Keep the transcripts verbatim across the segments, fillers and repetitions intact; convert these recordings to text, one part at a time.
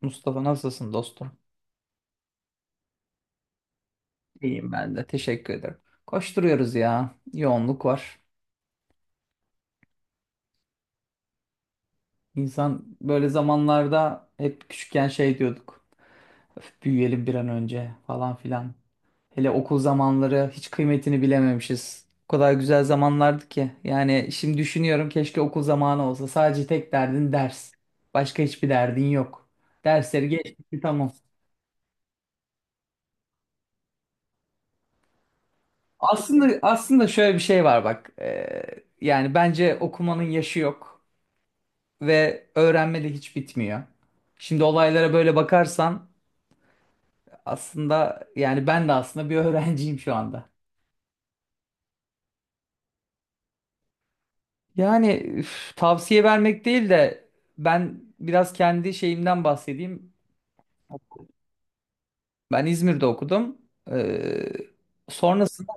Mustafa, nasılsın dostum? İyiyim ben de. Teşekkür ederim. Koşturuyoruz ya. Yoğunluk var. İnsan böyle zamanlarda hep küçükken şey diyorduk. "Öf, büyüyelim bir an önce falan filan." Hele okul zamanları hiç kıymetini bilememişiz. O kadar güzel zamanlardı ki. Yani şimdi düşünüyorum, keşke okul zamanı olsa. Sadece tek derdin ders. Başka hiçbir derdin yok. Dersleri geçti, tamam. Aslında aslında şöyle bir şey var, bak. Ee, yani bence okumanın yaşı yok ve öğrenme de hiç bitmiyor. Şimdi olaylara böyle bakarsan, aslında yani ben de aslında bir öğrenciyim şu anda. Yani üf, tavsiye vermek değil de ben biraz kendi şeyimden bahsedeyim. Ben İzmir'de okudum. Ee, Sonrasında,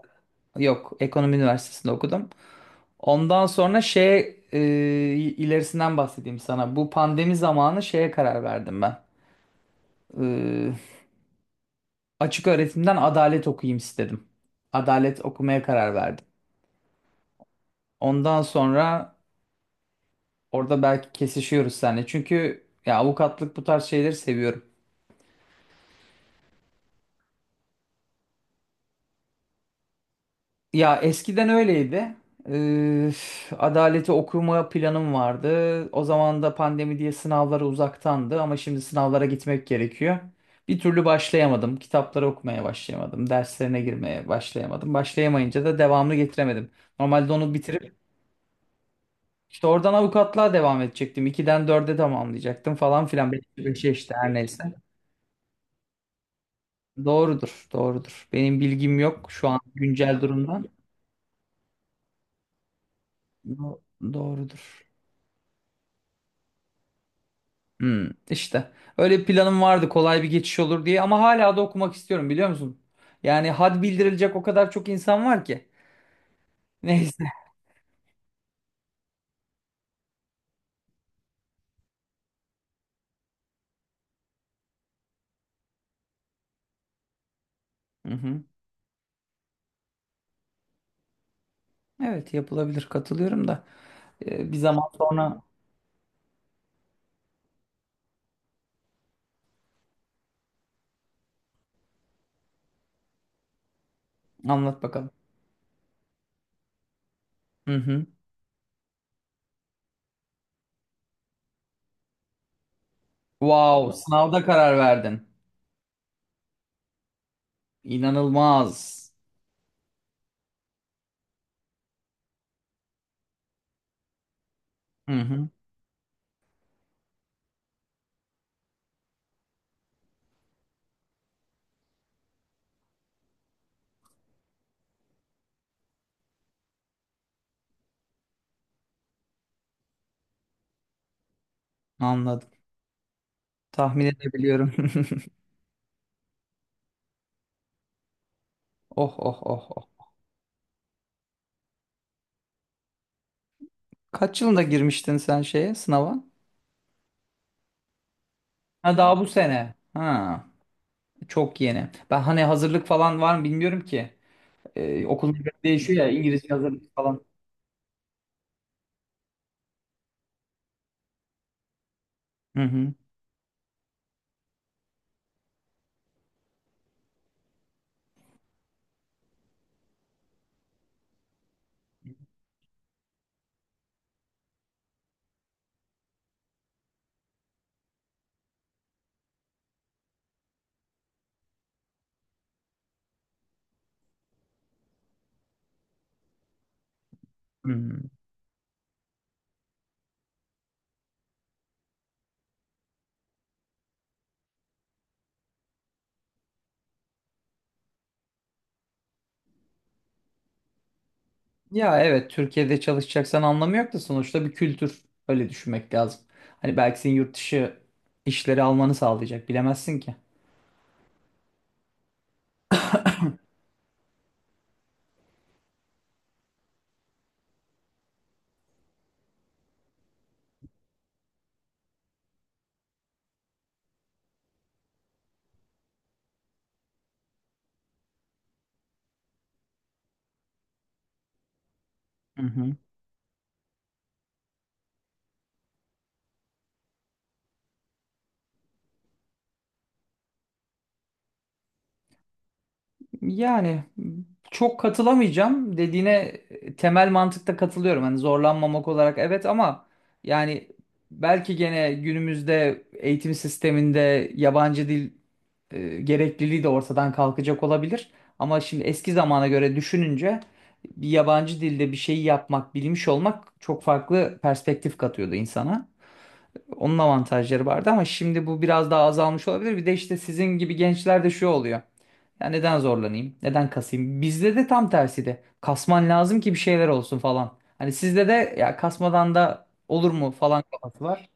yok, Ekonomi Üniversitesi'nde okudum. Ondan sonra şey, e, ilerisinden bahsedeyim sana. Bu pandemi zamanı şeye karar verdim ben. Ee, Açık öğretimden adalet okuyayım istedim. Adalet okumaya karar verdim. Ondan sonra orada belki kesişiyoruz seninle. Çünkü ya avukatlık, bu tarz şeyleri seviyorum. Ya eskiden öyleydi. Ee, Adaleti okuma planım vardı. O zaman da pandemi diye sınavlara uzaktandı, ama şimdi sınavlara gitmek gerekiyor. Bir türlü başlayamadım. Kitapları okumaya başlayamadım. Derslerine girmeye başlayamadım. Başlayamayınca da devamını getiremedim. Normalde onu bitirip İşte oradan avukatlığa devam edecektim. ikiden dörde tamamlayacaktım falan filan. beşe işte, her neyse. Doğrudur, doğrudur. Benim bilgim yok şu an güncel durumdan. Do- Doğrudur. Hmm, işte. Öyle bir planım vardı, kolay bir geçiş olur diye, ama hala da okumak istiyorum, biliyor musun? Yani had bildirilecek o kadar çok insan var ki. Neyse. Hı hı. Evet, yapılabilir, katılıyorum da. Ee, bir zaman sonra anlat bakalım. Hı hı. Wow, sınavda karar verdin. İnanılmaz. Hı hı. Anladım. Tahmin edebiliyorum. Oh oh oh oh. Kaç yılında girmiştin sen şeye, sınava? Ha, daha bu sene. Ha, çok yeni. Ben hani hazırlık falan var mı, bilmiyorum ki. Ee, okul değişiyor ya, İngilizce hazırlık falan. Hı hı. Hı. Ya evet, Türkiye'de çalışacaksan anlamı yok da, sonuçta bir kültür. Öyle düşünmek lazım. Hani belki senin yurt dışı işleri almanı sağlayacak, bilemezsin ki. Hı hı. Yani çok katılamayacağım dediğine, e, temel mantıkta katılıyorum. Hani zorlanmamak olarak evet, ama yani belki gene günümüzde eğitim sisteminde yabancı dil, e, gerekliliği de ortadan kalkacak olabilir. Ama şimdi eski zamana göre düşününce bir yabancı dilde bir şeyi yapmak, bilmiş olmak çok farklı perspektif katıyordu insana. Onun avantajları vardı, ama şimdi bu biraz daha azalmış olabilir. Bir de işte sizin gibi gençlerde şu oluyor: ya neden zorlanayım? Neden kasayım? Bizde de tam tersi de. Kasman lazım ki bir şeyler olsun falan. Hani sizde de ya kasmadan da olur mu falan kafası var.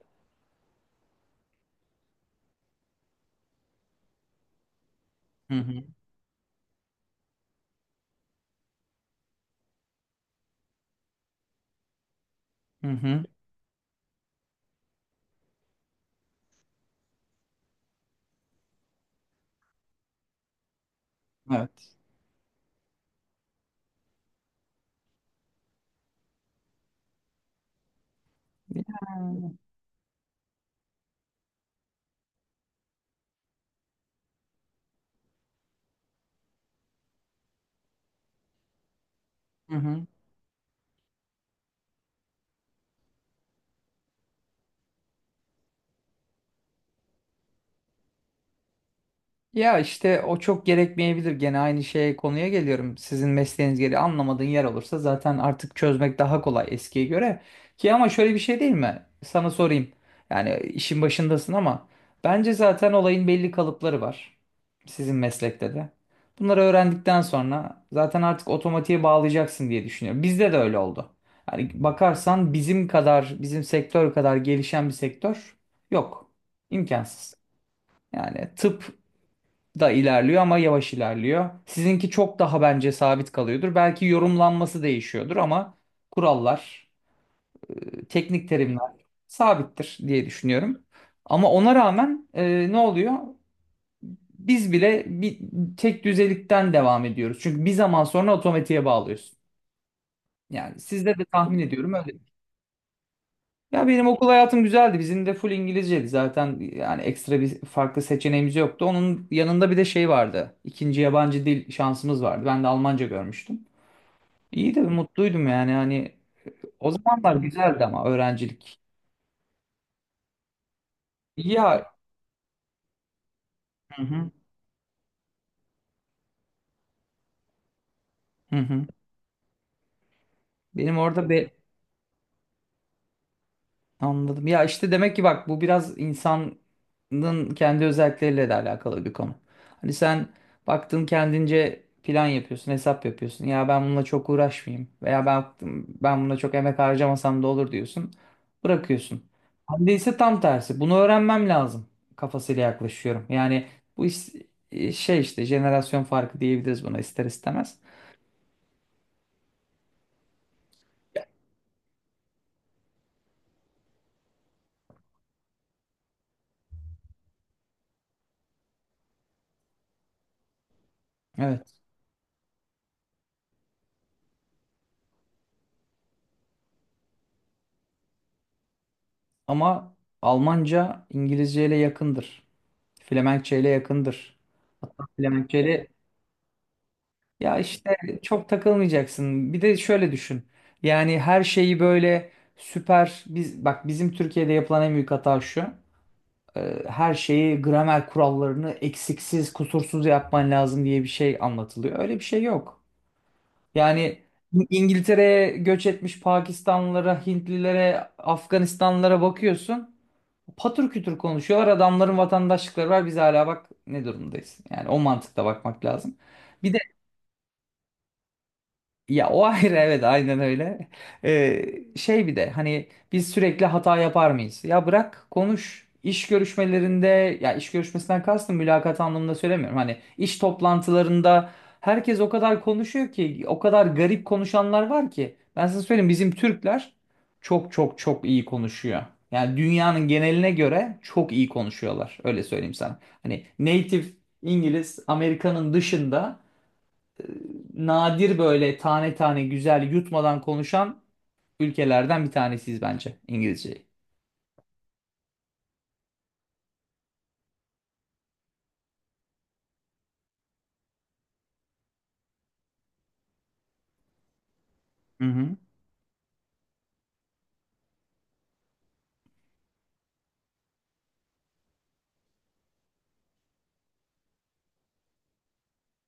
Hı hı. Hı hı. Evet. Hı hı. Ya işte o çok gerekmeyebilir. Gene aynı şeye, konuya geliyorum. Sizin mesleğiniz gereği anlamadığın yer olursa zaten artık çözmek daha kolay eskiye göre. Ki ama şöyle bir şey değil mi? Sana sorayım. Yani işin başındasın ama bence zaten olayın belli kalıpları var. Sizin meslekte de. Bunları öğrendikten sonra zaten artık otomatiğe bağlayacaksın diye düşünüyorum. Bizde de öyle oldu. Yani bakarsan bizim kadar, bizim sektör kadar gelişen bir sektör yok. İmkansız. Yani tıp da ilerliyor ama yavaş ilerliyor. Sizinki çok daha bence sabit kalıyordur. Belki yorumlanması değişiyordur ama kurallar, e, teknik terimler sabittir diye düşünüyorum. Ama ona rağmen, e, ne oluyor? Biz bile bir tek düzelikten devam ediyoruz. Çünkü bir zaman sonra otomatiğe bağlıyorsun. Yani sizde de tahmin ediyorum öyle. Ya benim okul hayatım güzeldi. Bizim de full İngilizceydi zaten. Yani ekstra bir farklı seçeneğimiz yoktu. Onun yanında bir de şey vardı: İkinci yabancı dil şansımız vardı. Ben de Almanca görmüştüm. İyi de mutluydum yani. Hani o zamanlar güzeldi ama, öğrencilik. Ya, hı hı, hı hı. Benim orada be Anladım. Ya işte demek ki, bak, bu biraz insanın kendi özellikleriyle de alakalı bir konu. Hani sen baktın, kendince plan yapıyorsun, hesap yapıyorsun. Ya ben bununla çok uğraşmayayım veya ben ben buna çok emek harcamasam da olur diyorsun. Bırakıyorsun. Ben ise tam tersi. Bunu öğrenmem lazım kafasıyla yaklaşıyorum. Yani bu iş, şey, işte jenerasyon farkı diyebiliriz buna ister istemez. Evet. Ama Almanca İngilizce ile yakındır. Flemenkçe ile yakındır. Hatta Flemenkçe ile, ya işte, çok takılmayacaksın. Bir de şöyle düşün. Yani her şeyi böyle süper, biz, bak, bizim Türkiye'de yapılan en büyük hata şu. Ee, Her şeyi, gramer kurallarını eksiksiz, kusursuz yapman lazım diye bir şey anlatılıyor. Öyle bir şey yok. Yani İ- İngiltere'ye göç etmiş Pakistanlılara, Hintlilere, Afganistanlılara bakıyorsun, patır kütür konuşuyorlar. Adamların vatandaşlıkları var. Biz hala bak ne durumdayız. Yani o mantıkla bakmak lazım. Bir de ya, o ayrı, evet aynen öyle. Ee, Şey, bir de hani biz sürekli hata yapar mıyız? Ya bırak, konuş. İş görüşmelerinde, ya iş görüşmesinden kastım mülakat anlamında söylemiyorum, hani iş toplantılarında herkes o kadar konuşuyor ki, o kadar garip konuşanlar var ki. Ben size söyleyeyim, bizim Türkler çok çok çok iyi konuşuyor. Yani dünyanın geneline göre çok iyi konuşuyorlar. Öyle söyleyeyim sana. Hani native İngiliz, Amerika'nın dışında, nadir böyle tane tane güzel yutmadan konuşan ülkelerden bir tanesiyiz bence İngilizceyi. Hı hı.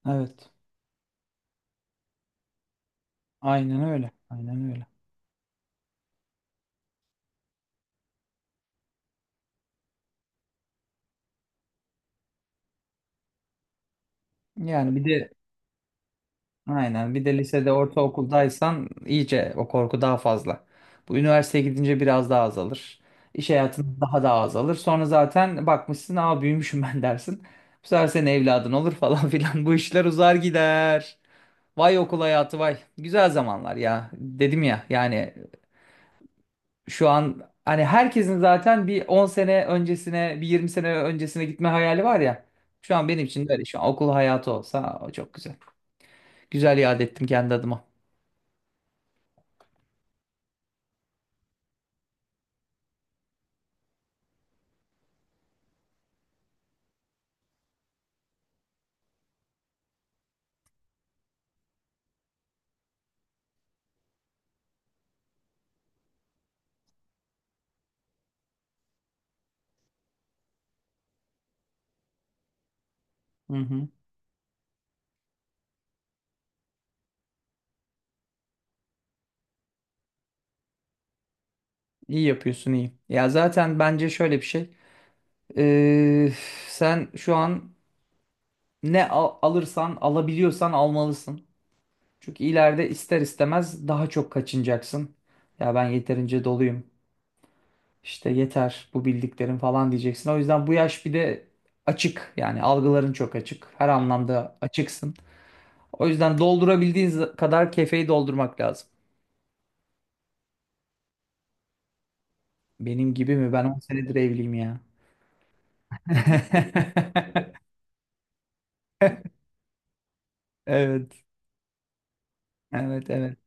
Evet. Aynen öyle. Aynen öyle. Yani bir de aynen, bir de lisede, ortaokuldaysan iyice o korku daha fazla. Bu üniversiteye gidince biraz daha azalır. İş hayatında daha da azalır. Sonra zaten bakmışsın, aa, büyümüşüm ben dersin. Bu sefer senin evladın olur falan filan. Bu işler uzar gider. Vay okul hayatı vay. Güzel zamanlar ya. Dedim ya yani, şu an hani herkesin zaten bir on sene öncesine, bir yirmi sene öncesine gitme hayali var ya. Şu an benim için de öyle. Şu an okul hayatı olsa o çok güzel. Güzel yad ettim kendi adıma. Hı hı. İyi yapıyorsun, iyi. Ya zaten bence şöyle bir şey. Ee, Sen şu an ne al- alırsan, alabiliyorsan almalısın. Çünkü ileride ister istemez daha çok kaçınacaksın. Ya ben yeterince doluyum. İşte yeter bu bildiklerin falan diyeceksin. O yüzden bu yaş, bir de açık, yani algıların çok açık. Her anlamda açıksın. O yüzden doldurabildiğin z- kadar kefeyi doldurmak lazım. Benim gibi mi? Ben on senedir evliyim ya. Evet. Evet, evet.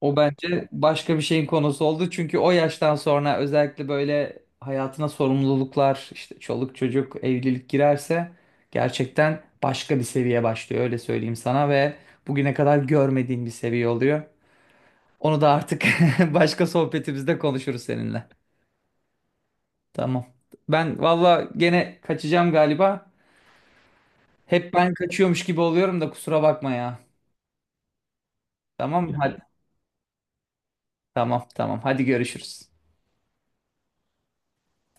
O bence başka bir şeyin konusu oldu. Çünkü o yaştan sonra özellikle böyle hayatına sorumluluklar, işte çoluk çocuk, evlilik girerse, gerçekten başka bir seviye başlıyor, öyle söyleyeyim sana, ve bugüne kadar görmediğin bir seviye oluyor. Onu da artık başka sohbetimizde konuşuruz seninle. Tamam. Ben valla gene kaçacağım galiba. Hep ben kaçıyormuş gibi oluyorum da, kusura bakma ya. Tamam mı? Hadi. Tamam, tamam. Hadi görüşürüz.